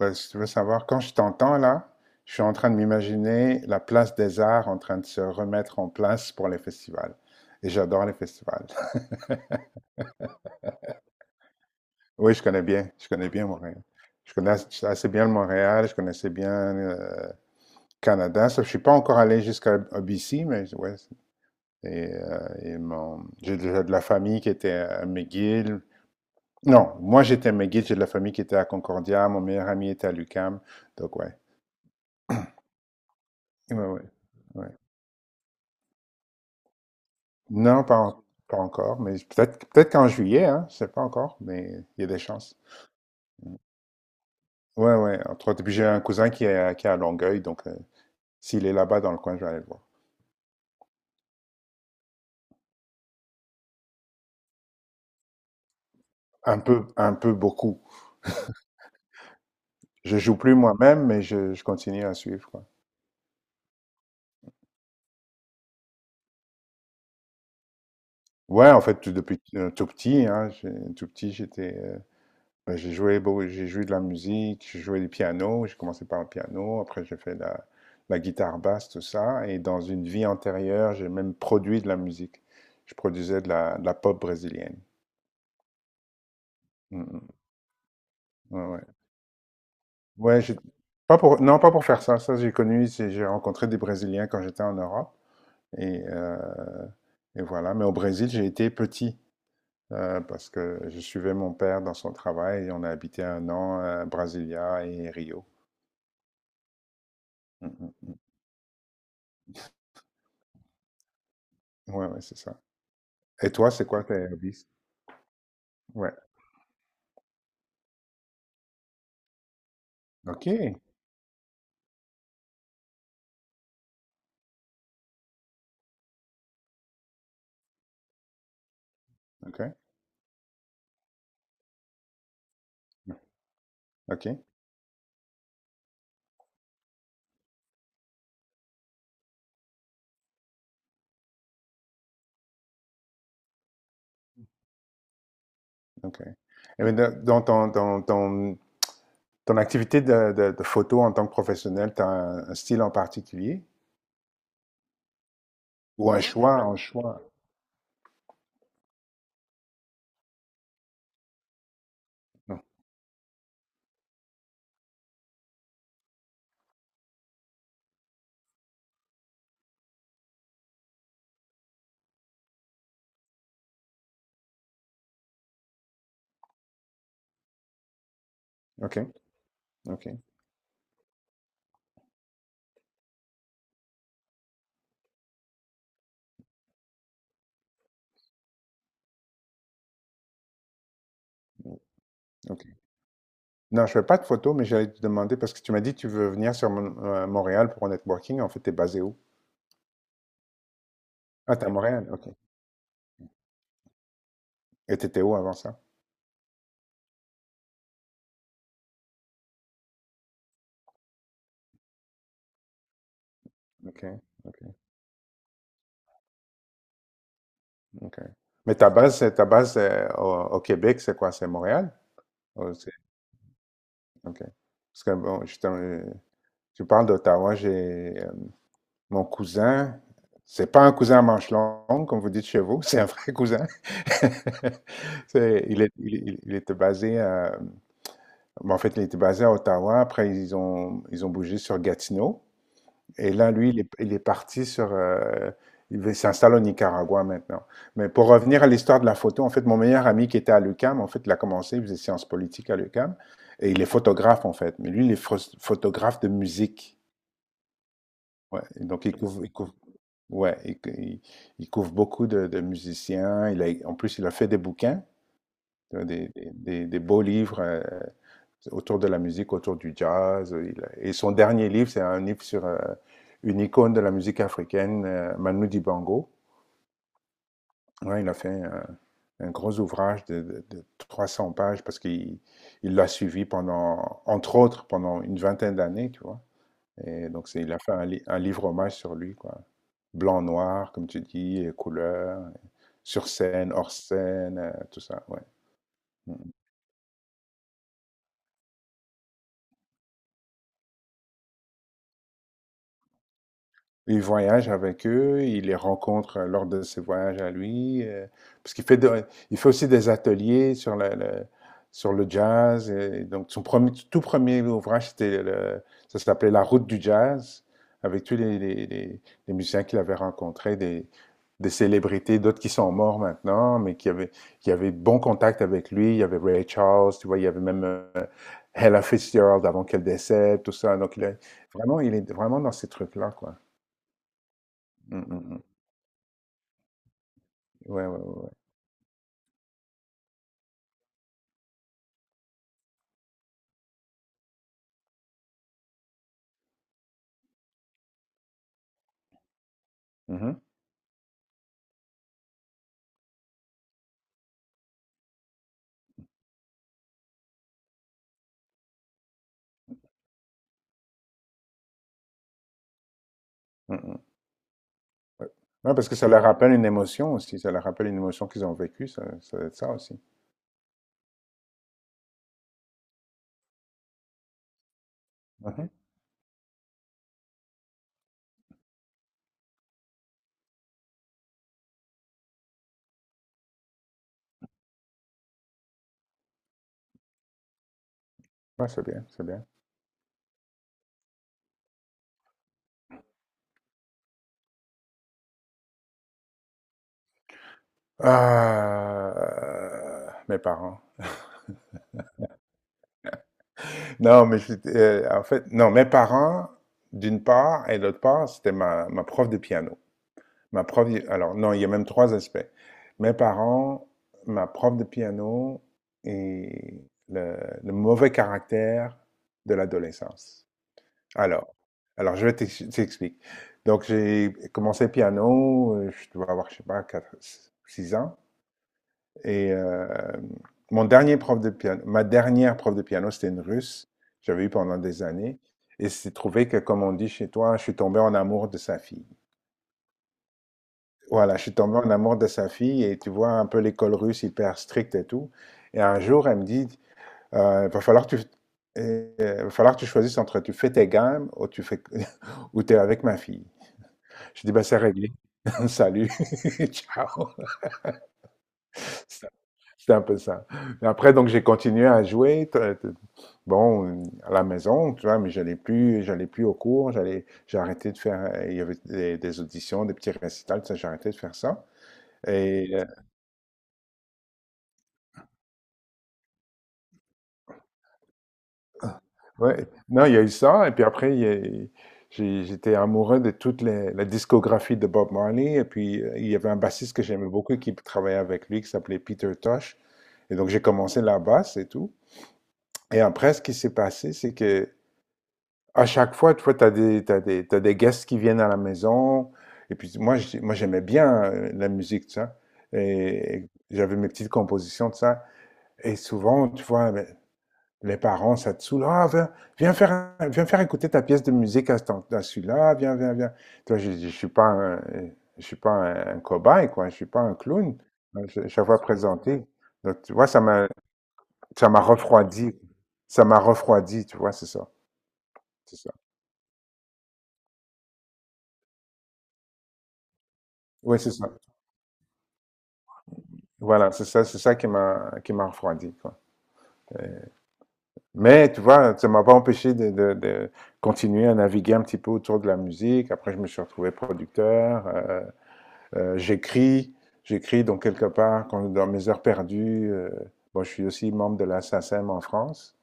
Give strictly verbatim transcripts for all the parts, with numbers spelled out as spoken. Ouais, si veux savoir, quand je t'entends là, je suis en train de m'imaginer la place des arts en train de se remettre en place pour les festivals. Et j'adore les festivals. Oui, je connais bien, je connais bien Montréal. Je connais as- assez bien le Montréal, je connaissais bien euh, Canada. Sauf que je suis pas encore allé jusqu'à à B C, mais ouais. Et, euh, et mon- j'ai déjà de la famille qui était à McGill. Non, moi j'étais à McGill, j'ai de la famille qui était à Concordia, mon meilleur ami était à l'UQAM. Donc ouais, ouais, ouais. Ouais. Non, pas, en- pas encore, mais peut-être peut-être qu'en juillet, hein, je sais pas encore, mais il y a des chances. Ouais, ouais, entre autres. Et puis j'ai un cousin qui est, à- qui est à Longueuil, donc euh, s'il est là-bas dans le coin, je vais aller le voir. Un peu, un peu beaucoup. Je joue plus moi-même, mais je, je continue à suivre, quoi. Ouais, en fait, tout- depuis euh, tout petit, hein, j'ai- tout petit, j'étais. euh, Ben, j'ai joué, beau- j'ai joué de la musique, j'ai joué du piano, j'ai commencé par le piano, après j'ai fait la, la guitare basse, tout ça, et dans une vie antérieure, j'ai même produit de la musique. Je produisais de la, de la pop brésilienne. Mm, mm. Ouais, ouais. Ouais, j'ai- pas pour, non, pas pour faire ça. Ça, j'ai connu, c'est- j'ai rencontré des Brésiliens quand j'étais en Europe, et, euh, et voilà. Mais au Brésil, j'ai été petit, euh, parce que je suivais mon père dans son travail, et on a habité un an à Brasilia et Rio. Mm, mm. Ouais, ouais, c'est ça. Et toi, c'est quoi tes hobbies? Ouais. OK. OK. OK. OK. Et bien, dans dans ton, dans ton, ton activité de, de, de photo en tant que professionnel, tu as un, un style en particulier? Ou un, non, choix, un choix? Non. OK. OK. OK. Non, je fais pas de photo, mais j'allais te demander parce que tu m'as dit que tu veux venir sur Mon- euh, Montréal pour un networking. En fait, tu es basé où? Ah, t'es à Montréal. OK. Et t'étais où avant ça? OK. OK. OK. Mais ta base, c'est- ta base c'est au, au Québec, c'est quoi? C'est Montréal? OK. Parce que bon, justement, euh, tu parles d'Ottawa, j'ai euh, mon cousin, c'est pas un cousin à manche longue, comme vous dites chez vous, c'est un vrai cousin. C'est- il, est- il- il il était basé à, bon, en fait, il était basé à Ottawa, après ils ont, ils ont bougé sur Gatineau. Et là, lui, il est, il est parti sur, euh, il va- il s'installe au Nicaragua maintenant. Mais pour revenir à l'histoire de la photo, en fait, mon meilleur ami qui était à l'UQAM, en fait, il a commencé, il faisait sciences politiques à l'UQAM, et il est photographe, en fait. Mais lui, il est phos- photographe de musique. Ouais. Et donc, il couvre, il couvre- ouais, il, cou- il- il couvre beaucoup de, de musiciens. Il a, en plus, il a fait des bouquins, tu vois, des, des- des- des beaux livres, euh, autour de la musique, autour du jazz. Et son dernier livre, c'est un livre sur euh, une icône de la musique africaine, euh, Manu Dibango. Ouais, il a fait un, un gros ouvrage de, de- de trois cents pages parce qu'il il l'a suivi pendant, entre autres, pendant une vingtaine d'années, tu vois. Et donc, c'est- il a fait un, li- un livre hommage sur lui, quoi. Blanc, noir, comme tu dis, et couleurs, sur scène, hors scène, euh, tout ça, ouais. Mm. Il voyage avec eux, il les rencontre euh, lors de ses voyages à lui, euh, parce qu'il fait, de- il fait aussi des ateliers sur le, le- sur le jazz. Et donc, son premier, tout premier ouvrage, c'était le- ça s'appelait La route du jazz, avec tous les, les- les- les musiciens qu'il avait rencontrés, des, des célébrités, d'autres qui sont morts maintenant, mais qui avaient, qui avaient de bons contacts avec lui. Il y avait Ray Charles, tu vois, il y avait même euh, Ella Fitzgerald avant qu'elle décède, tout ça. Donc, il a- vraiment, il est vraiment dans ces trucs-là, quoi. Mmh, mmh, mmh. Ouais, ouais, ouais, ouais. Mmh, mh. Mmh. Ouais. Ouais, parce que ça leur rappelle une émotion aussi, ça leur rappelle une émotion qu'ils ont vécue, ça ça doit être ça aussi. Mmh. Ouais, c'est bien, c'est bien. Heu, mes parents. Non, mais je heu, en fait, non, mes parents, d'une part et d'autre part, c'était ma ma prof de piano. Ma prof Alors non, il y a même trois aspects. Mes parents, ma prof de piano et le le mauvais caractère de l'adolescence. Alors, alors je vais t'ex- t'explique. Donc, j'ai commencé piano, euh, je dois avoir, je sais pas, quatre, six ans. Et euh, mon dernier prof de piano, ma dernière prof de piano, c'était une russe. J'avais eu pendant des années. Et c'est trouvé que, comme on dit chez toi, je suis tombé en amour de sa fille. Voilà, je suis tombé en amour de sa fille et tu vois un peu l'école russe hyper stricte et tout. Et un jour, elle me dit, euh, va falloir que tu, euh, va falloir que tu choisisses entre tu fais tes gammes ou tu fais, ou t'es avec ma fille. Je dis, bah, c'est réglé. Salut. Ciao. Ça- C'était un peu ça. Mais après, donc, j'ai continué à jouer. t- euh, t- Bon, à la maison, tu vois, mais j'allais plus, j'allais plus au cours. J'allais, j'ai arrêté de faire, euh, il y avait des, des auditions, des petits récitals, tout ça, j'ai arrêté de faire ça. Et, euh, ouais, non, il y a eu ça. Et puis après, il y a- j'ai- j'étais amoureux de toute les- la discographie de Bob Marley. Et puis, euh, il y avait un bassiste que j'aimais beaucoup qui travaillait avec lui, qui s'appelait Peter Tosh. Et donc, j'ai commencé la basse et tout. Et après, ce qui s'est passé, c'est que à chaque fois, tu vois, t'as des, t'as des, t'as des guests qui viennent à la maison. Et puis moi, j'ai- moi j'aimais bien euh, la musique, tu vois. Et, et j'avais mes petites compositions, de ça. Et souvent, tu vois, ben, les parents, ça te saoule. Ah, viens, viens faire, un- viens faire écouter ta pièce de musique à, cet en- à celui-là. Viens, viens, viens. Tu vois, je, je suis pas un, je suis pas un un cobaye, quoi. Je suis pas un clown. Hein, Je- chaque fois présenté. Donc, tu vois, ça m'a, ça m'a refroidi. Ça m'a refroidi, tu vois, c'est ça. C'est ça. Oui, c'est ça. Voilà, c'est ça, c'est ça qui m'a qui m'a refroidi, quoi. Mais tu vois, ça m'a pas empêché de, de, de continuer à naviguer un petit peu autour de la musique. Après, je me suis retrouvé producteur. Euh, euh, j'écris, j'écris donc quelque part quand, dans mes heures perdues. Euh, bon, je suis aussi membre de la SACEM en France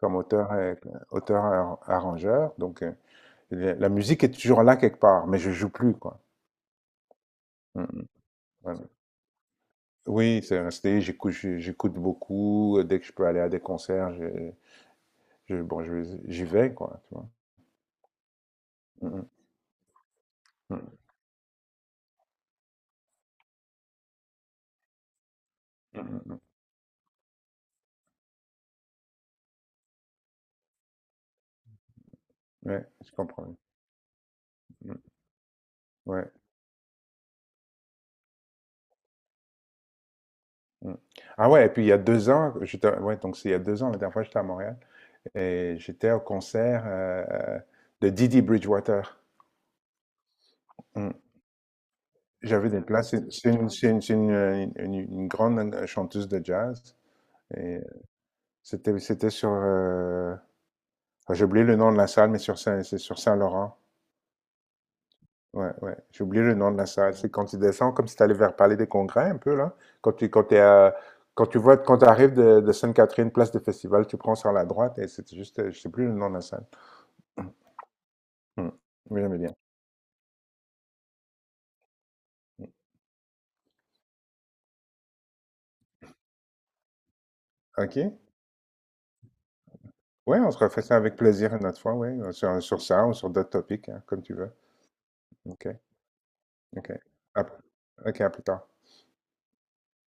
comme auteur et- euh, auteur ar- arrangeur. Donc euh, la la musique est toujours là quelque part, mais je joue plus quoi. Mm, mm, voilà. Oui, c'est resté. J'écoute, j'ai- j'écoute beaucoup. Euh, Dès que je peux aller à des concerts, je, je- bon, je, j'y vais, quoi, tu vois. Mm, mm, mm, mm, mm. Ouais, je comprends. Mm. Ouais. Mm. Ah ouais, et puis il y a deux ans, j'étais, ouais, donc c'est il y a deux ans, la dernière fois, j'étais à Montréal et j'étais au concert euh, de Didi Bridgewater. Mm. J'avais des places. C'est c'est une, c'est une, c'est une, euh, une- une grande chanteuse de jazz. Et c'était, c'était sur. Euh, enfin, j'ai oublié le nom de la salle, mais sur Saint, c'est sur Saint-Laurent. Ouais, ouais. J'ai oublié le nom de la salle. C'est quand tu descends, comme si tu allais vers Palais des Congrès un peu, là. Quand tu, quand t'es à- quand tu vois, Quand tu arrives de, de Sainte-Catherine, place de festival, tu prends sur la droite et c'est juste, euh, je sais plus le nom de la salle. Hmm. Mais j'aimais bien. Hmm. OK? Ouais, on se refait ça avec plaisir une autre fois, ouais. Sur, sur ça ou sur d'autres topics, hein, comme tu veux. OK, OK. À- OK, à plus tard.